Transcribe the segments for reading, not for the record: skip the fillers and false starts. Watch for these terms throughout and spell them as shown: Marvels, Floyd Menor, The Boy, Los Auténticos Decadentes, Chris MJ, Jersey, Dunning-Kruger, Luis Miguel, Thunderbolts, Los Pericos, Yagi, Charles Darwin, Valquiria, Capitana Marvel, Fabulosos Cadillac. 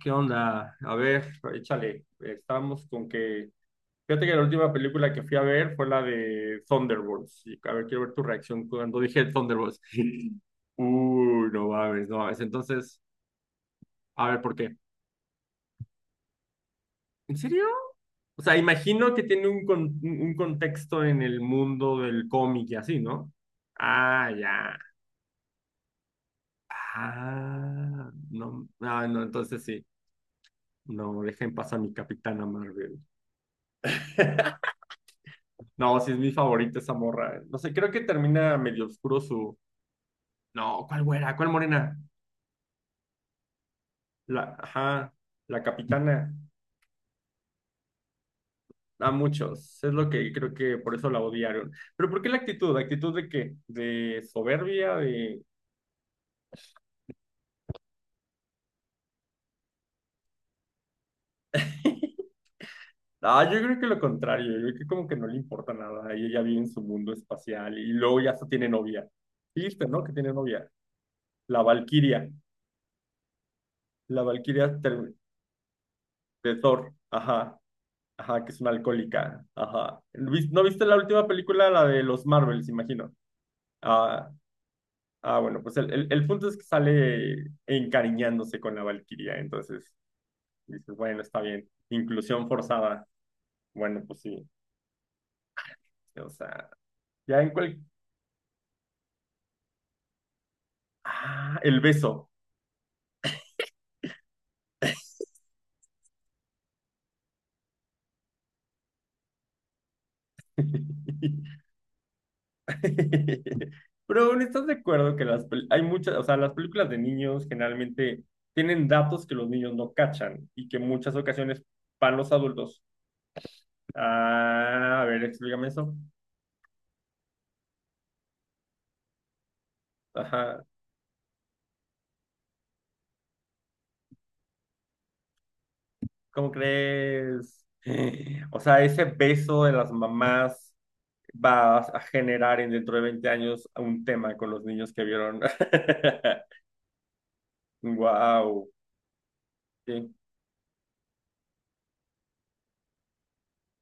¿Qué onda? A ver, échale. Estamos con que. Fíjate que la última película que fui a ver fue la de Thunderbolts. Y, a ver, quiero ver tu reacción cuando dije Thunderbolts. Uy, no mames, no mames. Entonces, a ver, ¿por qué? ¿En serio? O sea, imagino que tiene un contexto en el mundo del cómic y así, ¿no? Ah, ya. Ah, no, ah, no, entonces sí. No, dejen pasar a mi Capitana Marvel. No, sí es mi favorita esa morra. No sé, creo que termina medio oscuro su. No, ¿cuál güera? ¿Cuál morena? Ajá, la capitana. A muchos. Es lo que creo que por eso la odiaron. Pero ¿por qué la actitud? ¿La actitud de qué? ¿De soberbia? ¿De? Ah, yo creo que lo contrario. Yo creo que como que no le importa nada. Y ella vive en su mundo espacial. Y luego ya hasta tiene novia. Listo, ¿no? Que tiene novia. La Valquiria. La Valquiria ter- de Thor. Ajá. Ajá, que es una alcohólica. Ajá. ¿No viste la última película, la de los Marvels, imagino? Ah, ah bueno, pues el punto es que sale encariñándose con la Valquiria, entonces dices, bueno, está bien. Inclusión forzada. Bueno, pues sí. O sea, ya en cual... Ah, el beso. Pero bueno, ¿estás de acuerdo que hay muchas, o sea, las películas de niños generalmente tienen datos que los niños no cachan y que en muchas ocasiones para los adultos. Ah, a ver, explícame eso. Ajá. ¿Cómo crees? O sea, ese beso de las mamás va a generar en dentro de 20 años un tema con los niños que vieron. Wow. Sí,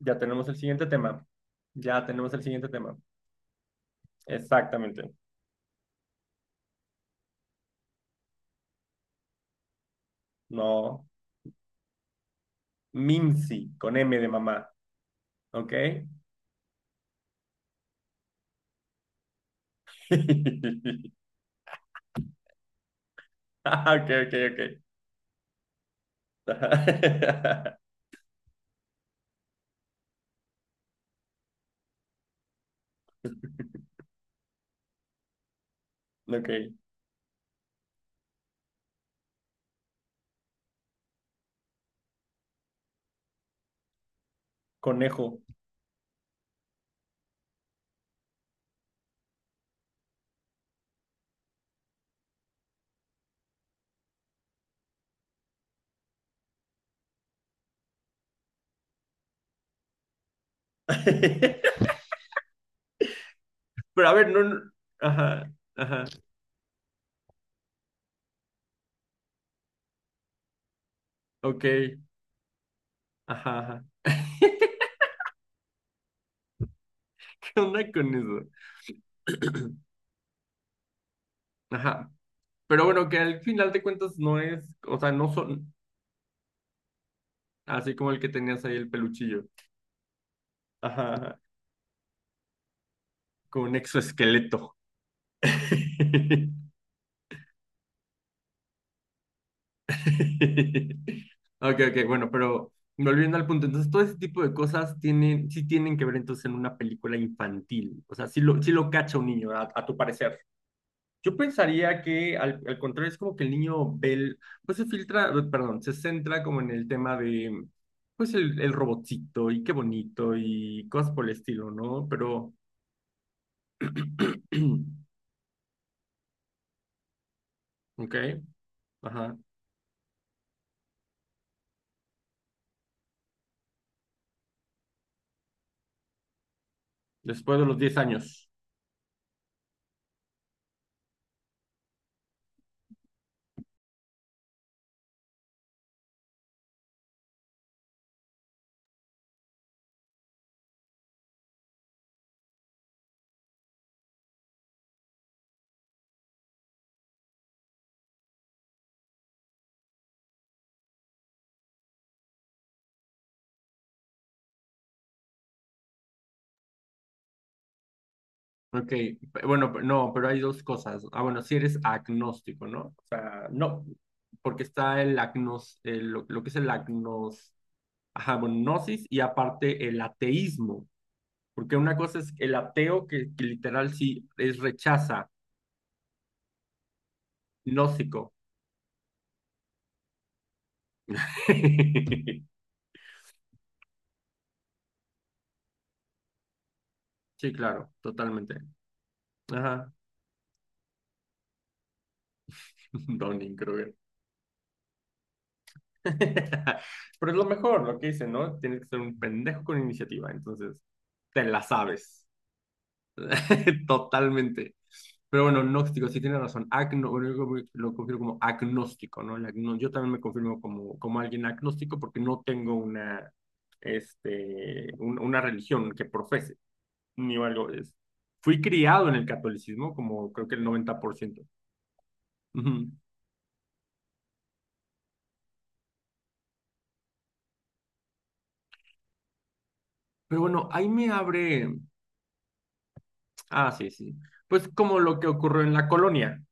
ya tenemos el siguiente tema. Ya tenemos el siguiente tema. Exactamente. No. Mimsy, con M de mamá. ¿Ok? Ah, Ok, ok, ok. Ok. Conejo. Pero a ver, no, no- Ajá, ajá, ok, ajá, ajá. ¿Qué onda con eso? Ajá. Pero bueno, que al final de cuentas no es, o sea, no son así como el que tenías ahí el peluchillo. Ajá, ajá, con un exoesqueleto. Ok, ok, bueno, pero volviendo al punto, entonces todo ese tipo de cosas tienen, sí tienen que ver entonces en una película infantil. O sea, sí lo cacha un niño, a tu parecer. Yo pensaría que al contrario es como que el niño ve, pues se filtra, perdón, se centra como en el tema de, pues el robotcito y qué bonito y cosas por el estilo, ¿no? Pero, ok, ajá, después de los 10 años, ok, bueno, no, pero hay dos cosas. Ah, bueno, si eres agnóstico, ¿no? O sea, no, porque está el agnos, lo que es el agnos, ajá, bueno, gnosis y aparte el ateísmo. Porque una cosa es el ateo que literal sí es rechaza, gnóstico. Sí, claro, totalmente. Ajá. Donning Kruger. Pero es lo mejor, lo que dice, ¿no? Tienes que ser un pendejo con iniciativa, entonces te la sabes. Totalmente. Pero bueno, gnóstico, sí tiene razón. Agno, bueno, yo lo confirmo como agnóstico, ¿no? Yo también me confirmo como alguien agnóstico porque no tengo una religión que profese. Ni algo es. Fui criado en el catolicismo, como creo que el 90%. Ujú. Pero bueno, ahí me abre. Ah, sí, sí. Pues como lo que ocurrió en la colonia.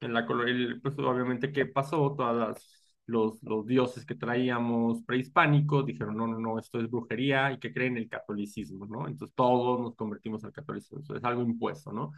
En la colonia, pues obviamente, ¿qué pasó? Los dioses que traíamos prehispánicos dijeron, no, no, no, esto es brujería y que creen el catolicismo, ¿no? Entonces todos nos convertimos al catolicismo, eso es algo impuesto, ¿no?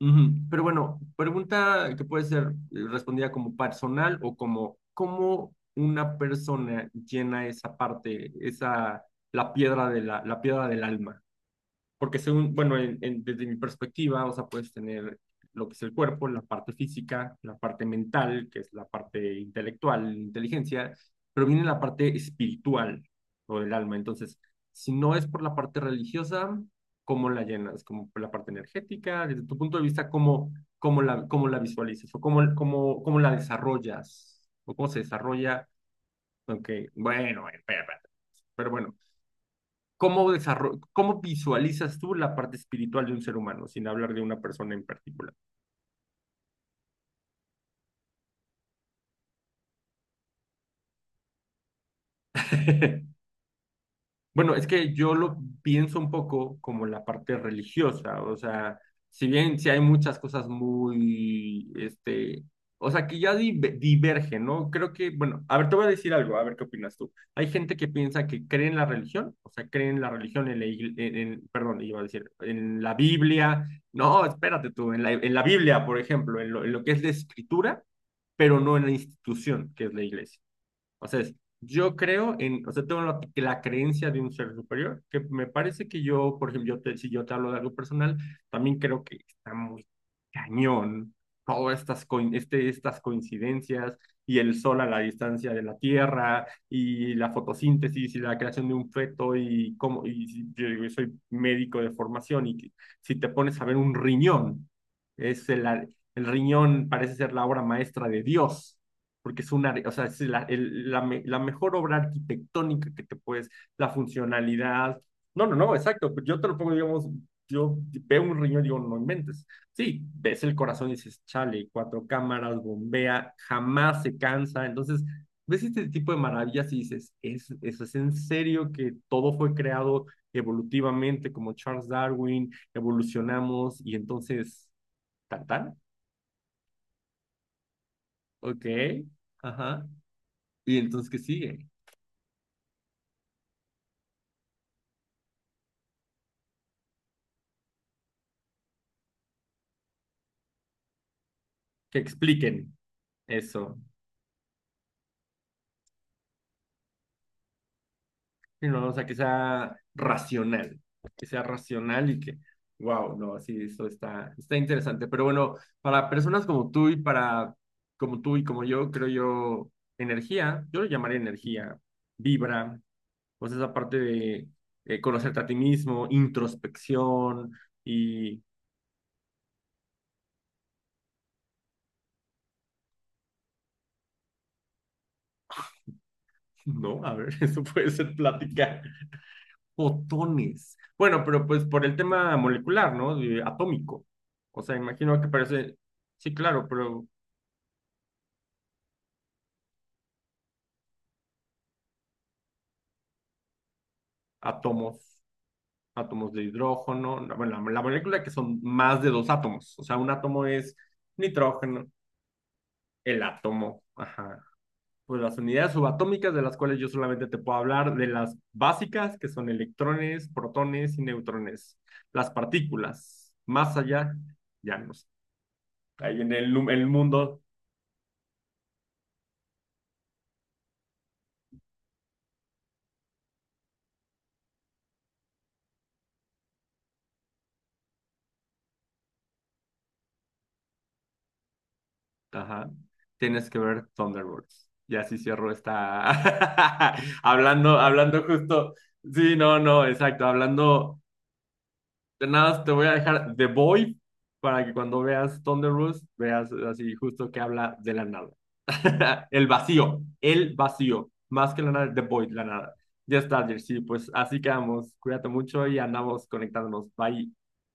Ujú. Pero bueno, pregunta que puede ser respondida como personal o como cómo una persona llena esa parte, esa la piedra de la piedra del alma. Porque según, bueno, desde mi perspectiva, o sea, puedes tener lo que es el cuerpo, la parte física, la parte mental, que es la parte intelectual, inteligencia, pero viene la parte espiritual o del alma. Entonces, si no es por la parte religiosa, ¿cómo la llenas? Como por la parte energética, desde tu punto de vista, ¿cómo, cómo la visualizas o cómo la desarrollas o cómo se desarrolla? Aunque, bueno, bueno, espera, espera. Pero bueno. ¿Cómo visualizas tú la parte espiritual de un ser humano, sin hablar de una persona en particular? Bueno, es que yo lo pienso un poco como la parte religiosa, o sea, si bien si hay muchas cosas muy, o sea, que ya divergen, ¿no? Creo que, bueno, a ver, te voy a decir algo, a ver qué opinas tú. Hay gente que piensa que cree en la religión, o sea, cree en la religión, en la, igle- en- perdón, iba a decir, en la Biblia, no, espérate tú, en la Biblia, por ejemplo, en lo que es la escritura, pero no en la institución que es la iglesia. O sea, es, yo creo en, o sea, tengo la creencia de un ser superior, que me parece que yo, por ejemplo, yo te, si yo te hablo de algo personal, también creo que está muy cañón todas estas coincidencias y el sol a la distancia de la Tierra y la fotosíntesis y la creación de un feto y cómo, yo digo, yo soy médico de formación si te pones a ver un riñón, es el riñón parece ser la obra maestra de Dios porque es una, o sea, es la, el- la, me- la mejor obra arquitectónica que te puedes, la funcionalidad. No, no, no, exacto. Pues yo te lo pongo, digamos, yo veo un riñón y digo, no inventes. Sí, ves el corazón y dices, chale, cuatro cámaras, bombea, jamás se cansa. Entonces, ves este tipo de maravillas y dices, ¿ eso es en serio que todo fue creado evolutivamente como Charles Darwin, evolucionamos y entonces, tan, tan, ok, ajá. Y entonces, ¿qué sigue? Que expliquen eso, y ¿no? O sea, que sea racional y que, wow, no, sí, eso está interesante. Pero bueno, para personas como tú y para, como tú y como yo, creo yo, energía, yo lo llamaría energía, vibra, pues esa parte de conocerte a ti mismo, introspección y... No, a ver, eso puede ser plática. Fotones. Bueno, pero pues por el tema molecular, ¿no? De atómico. O sea, imagino que parece, sí, claro, pero átomos, átomos de hidrógeno, bueno, la molécula que son más de dos átomos. O sea, un átomo es nitrógeno, el átomo, ajá. Pues las unidades subatómicas de las cuales yo solamente te puedo hablar de las básicas, que son electrones, protones y neutrones. Las partículas, más allá, ya no sé. Ahí en el mundo. Ajá. Tienes que ver Thunderbolts. Y así cierro esta. Hablando, hablando justo. Sí, no, no, exacto. Hablando de nada, te voy a dejar The Boy para que cuando veas Thunderbolts veas así justo que habla de la nada. El vacío, el vacío. Más que la nada, The Boy, la nada. Ya está, Jersey. Pues así quedamos. Cuídate mucho y andamos conectándonos. Bye.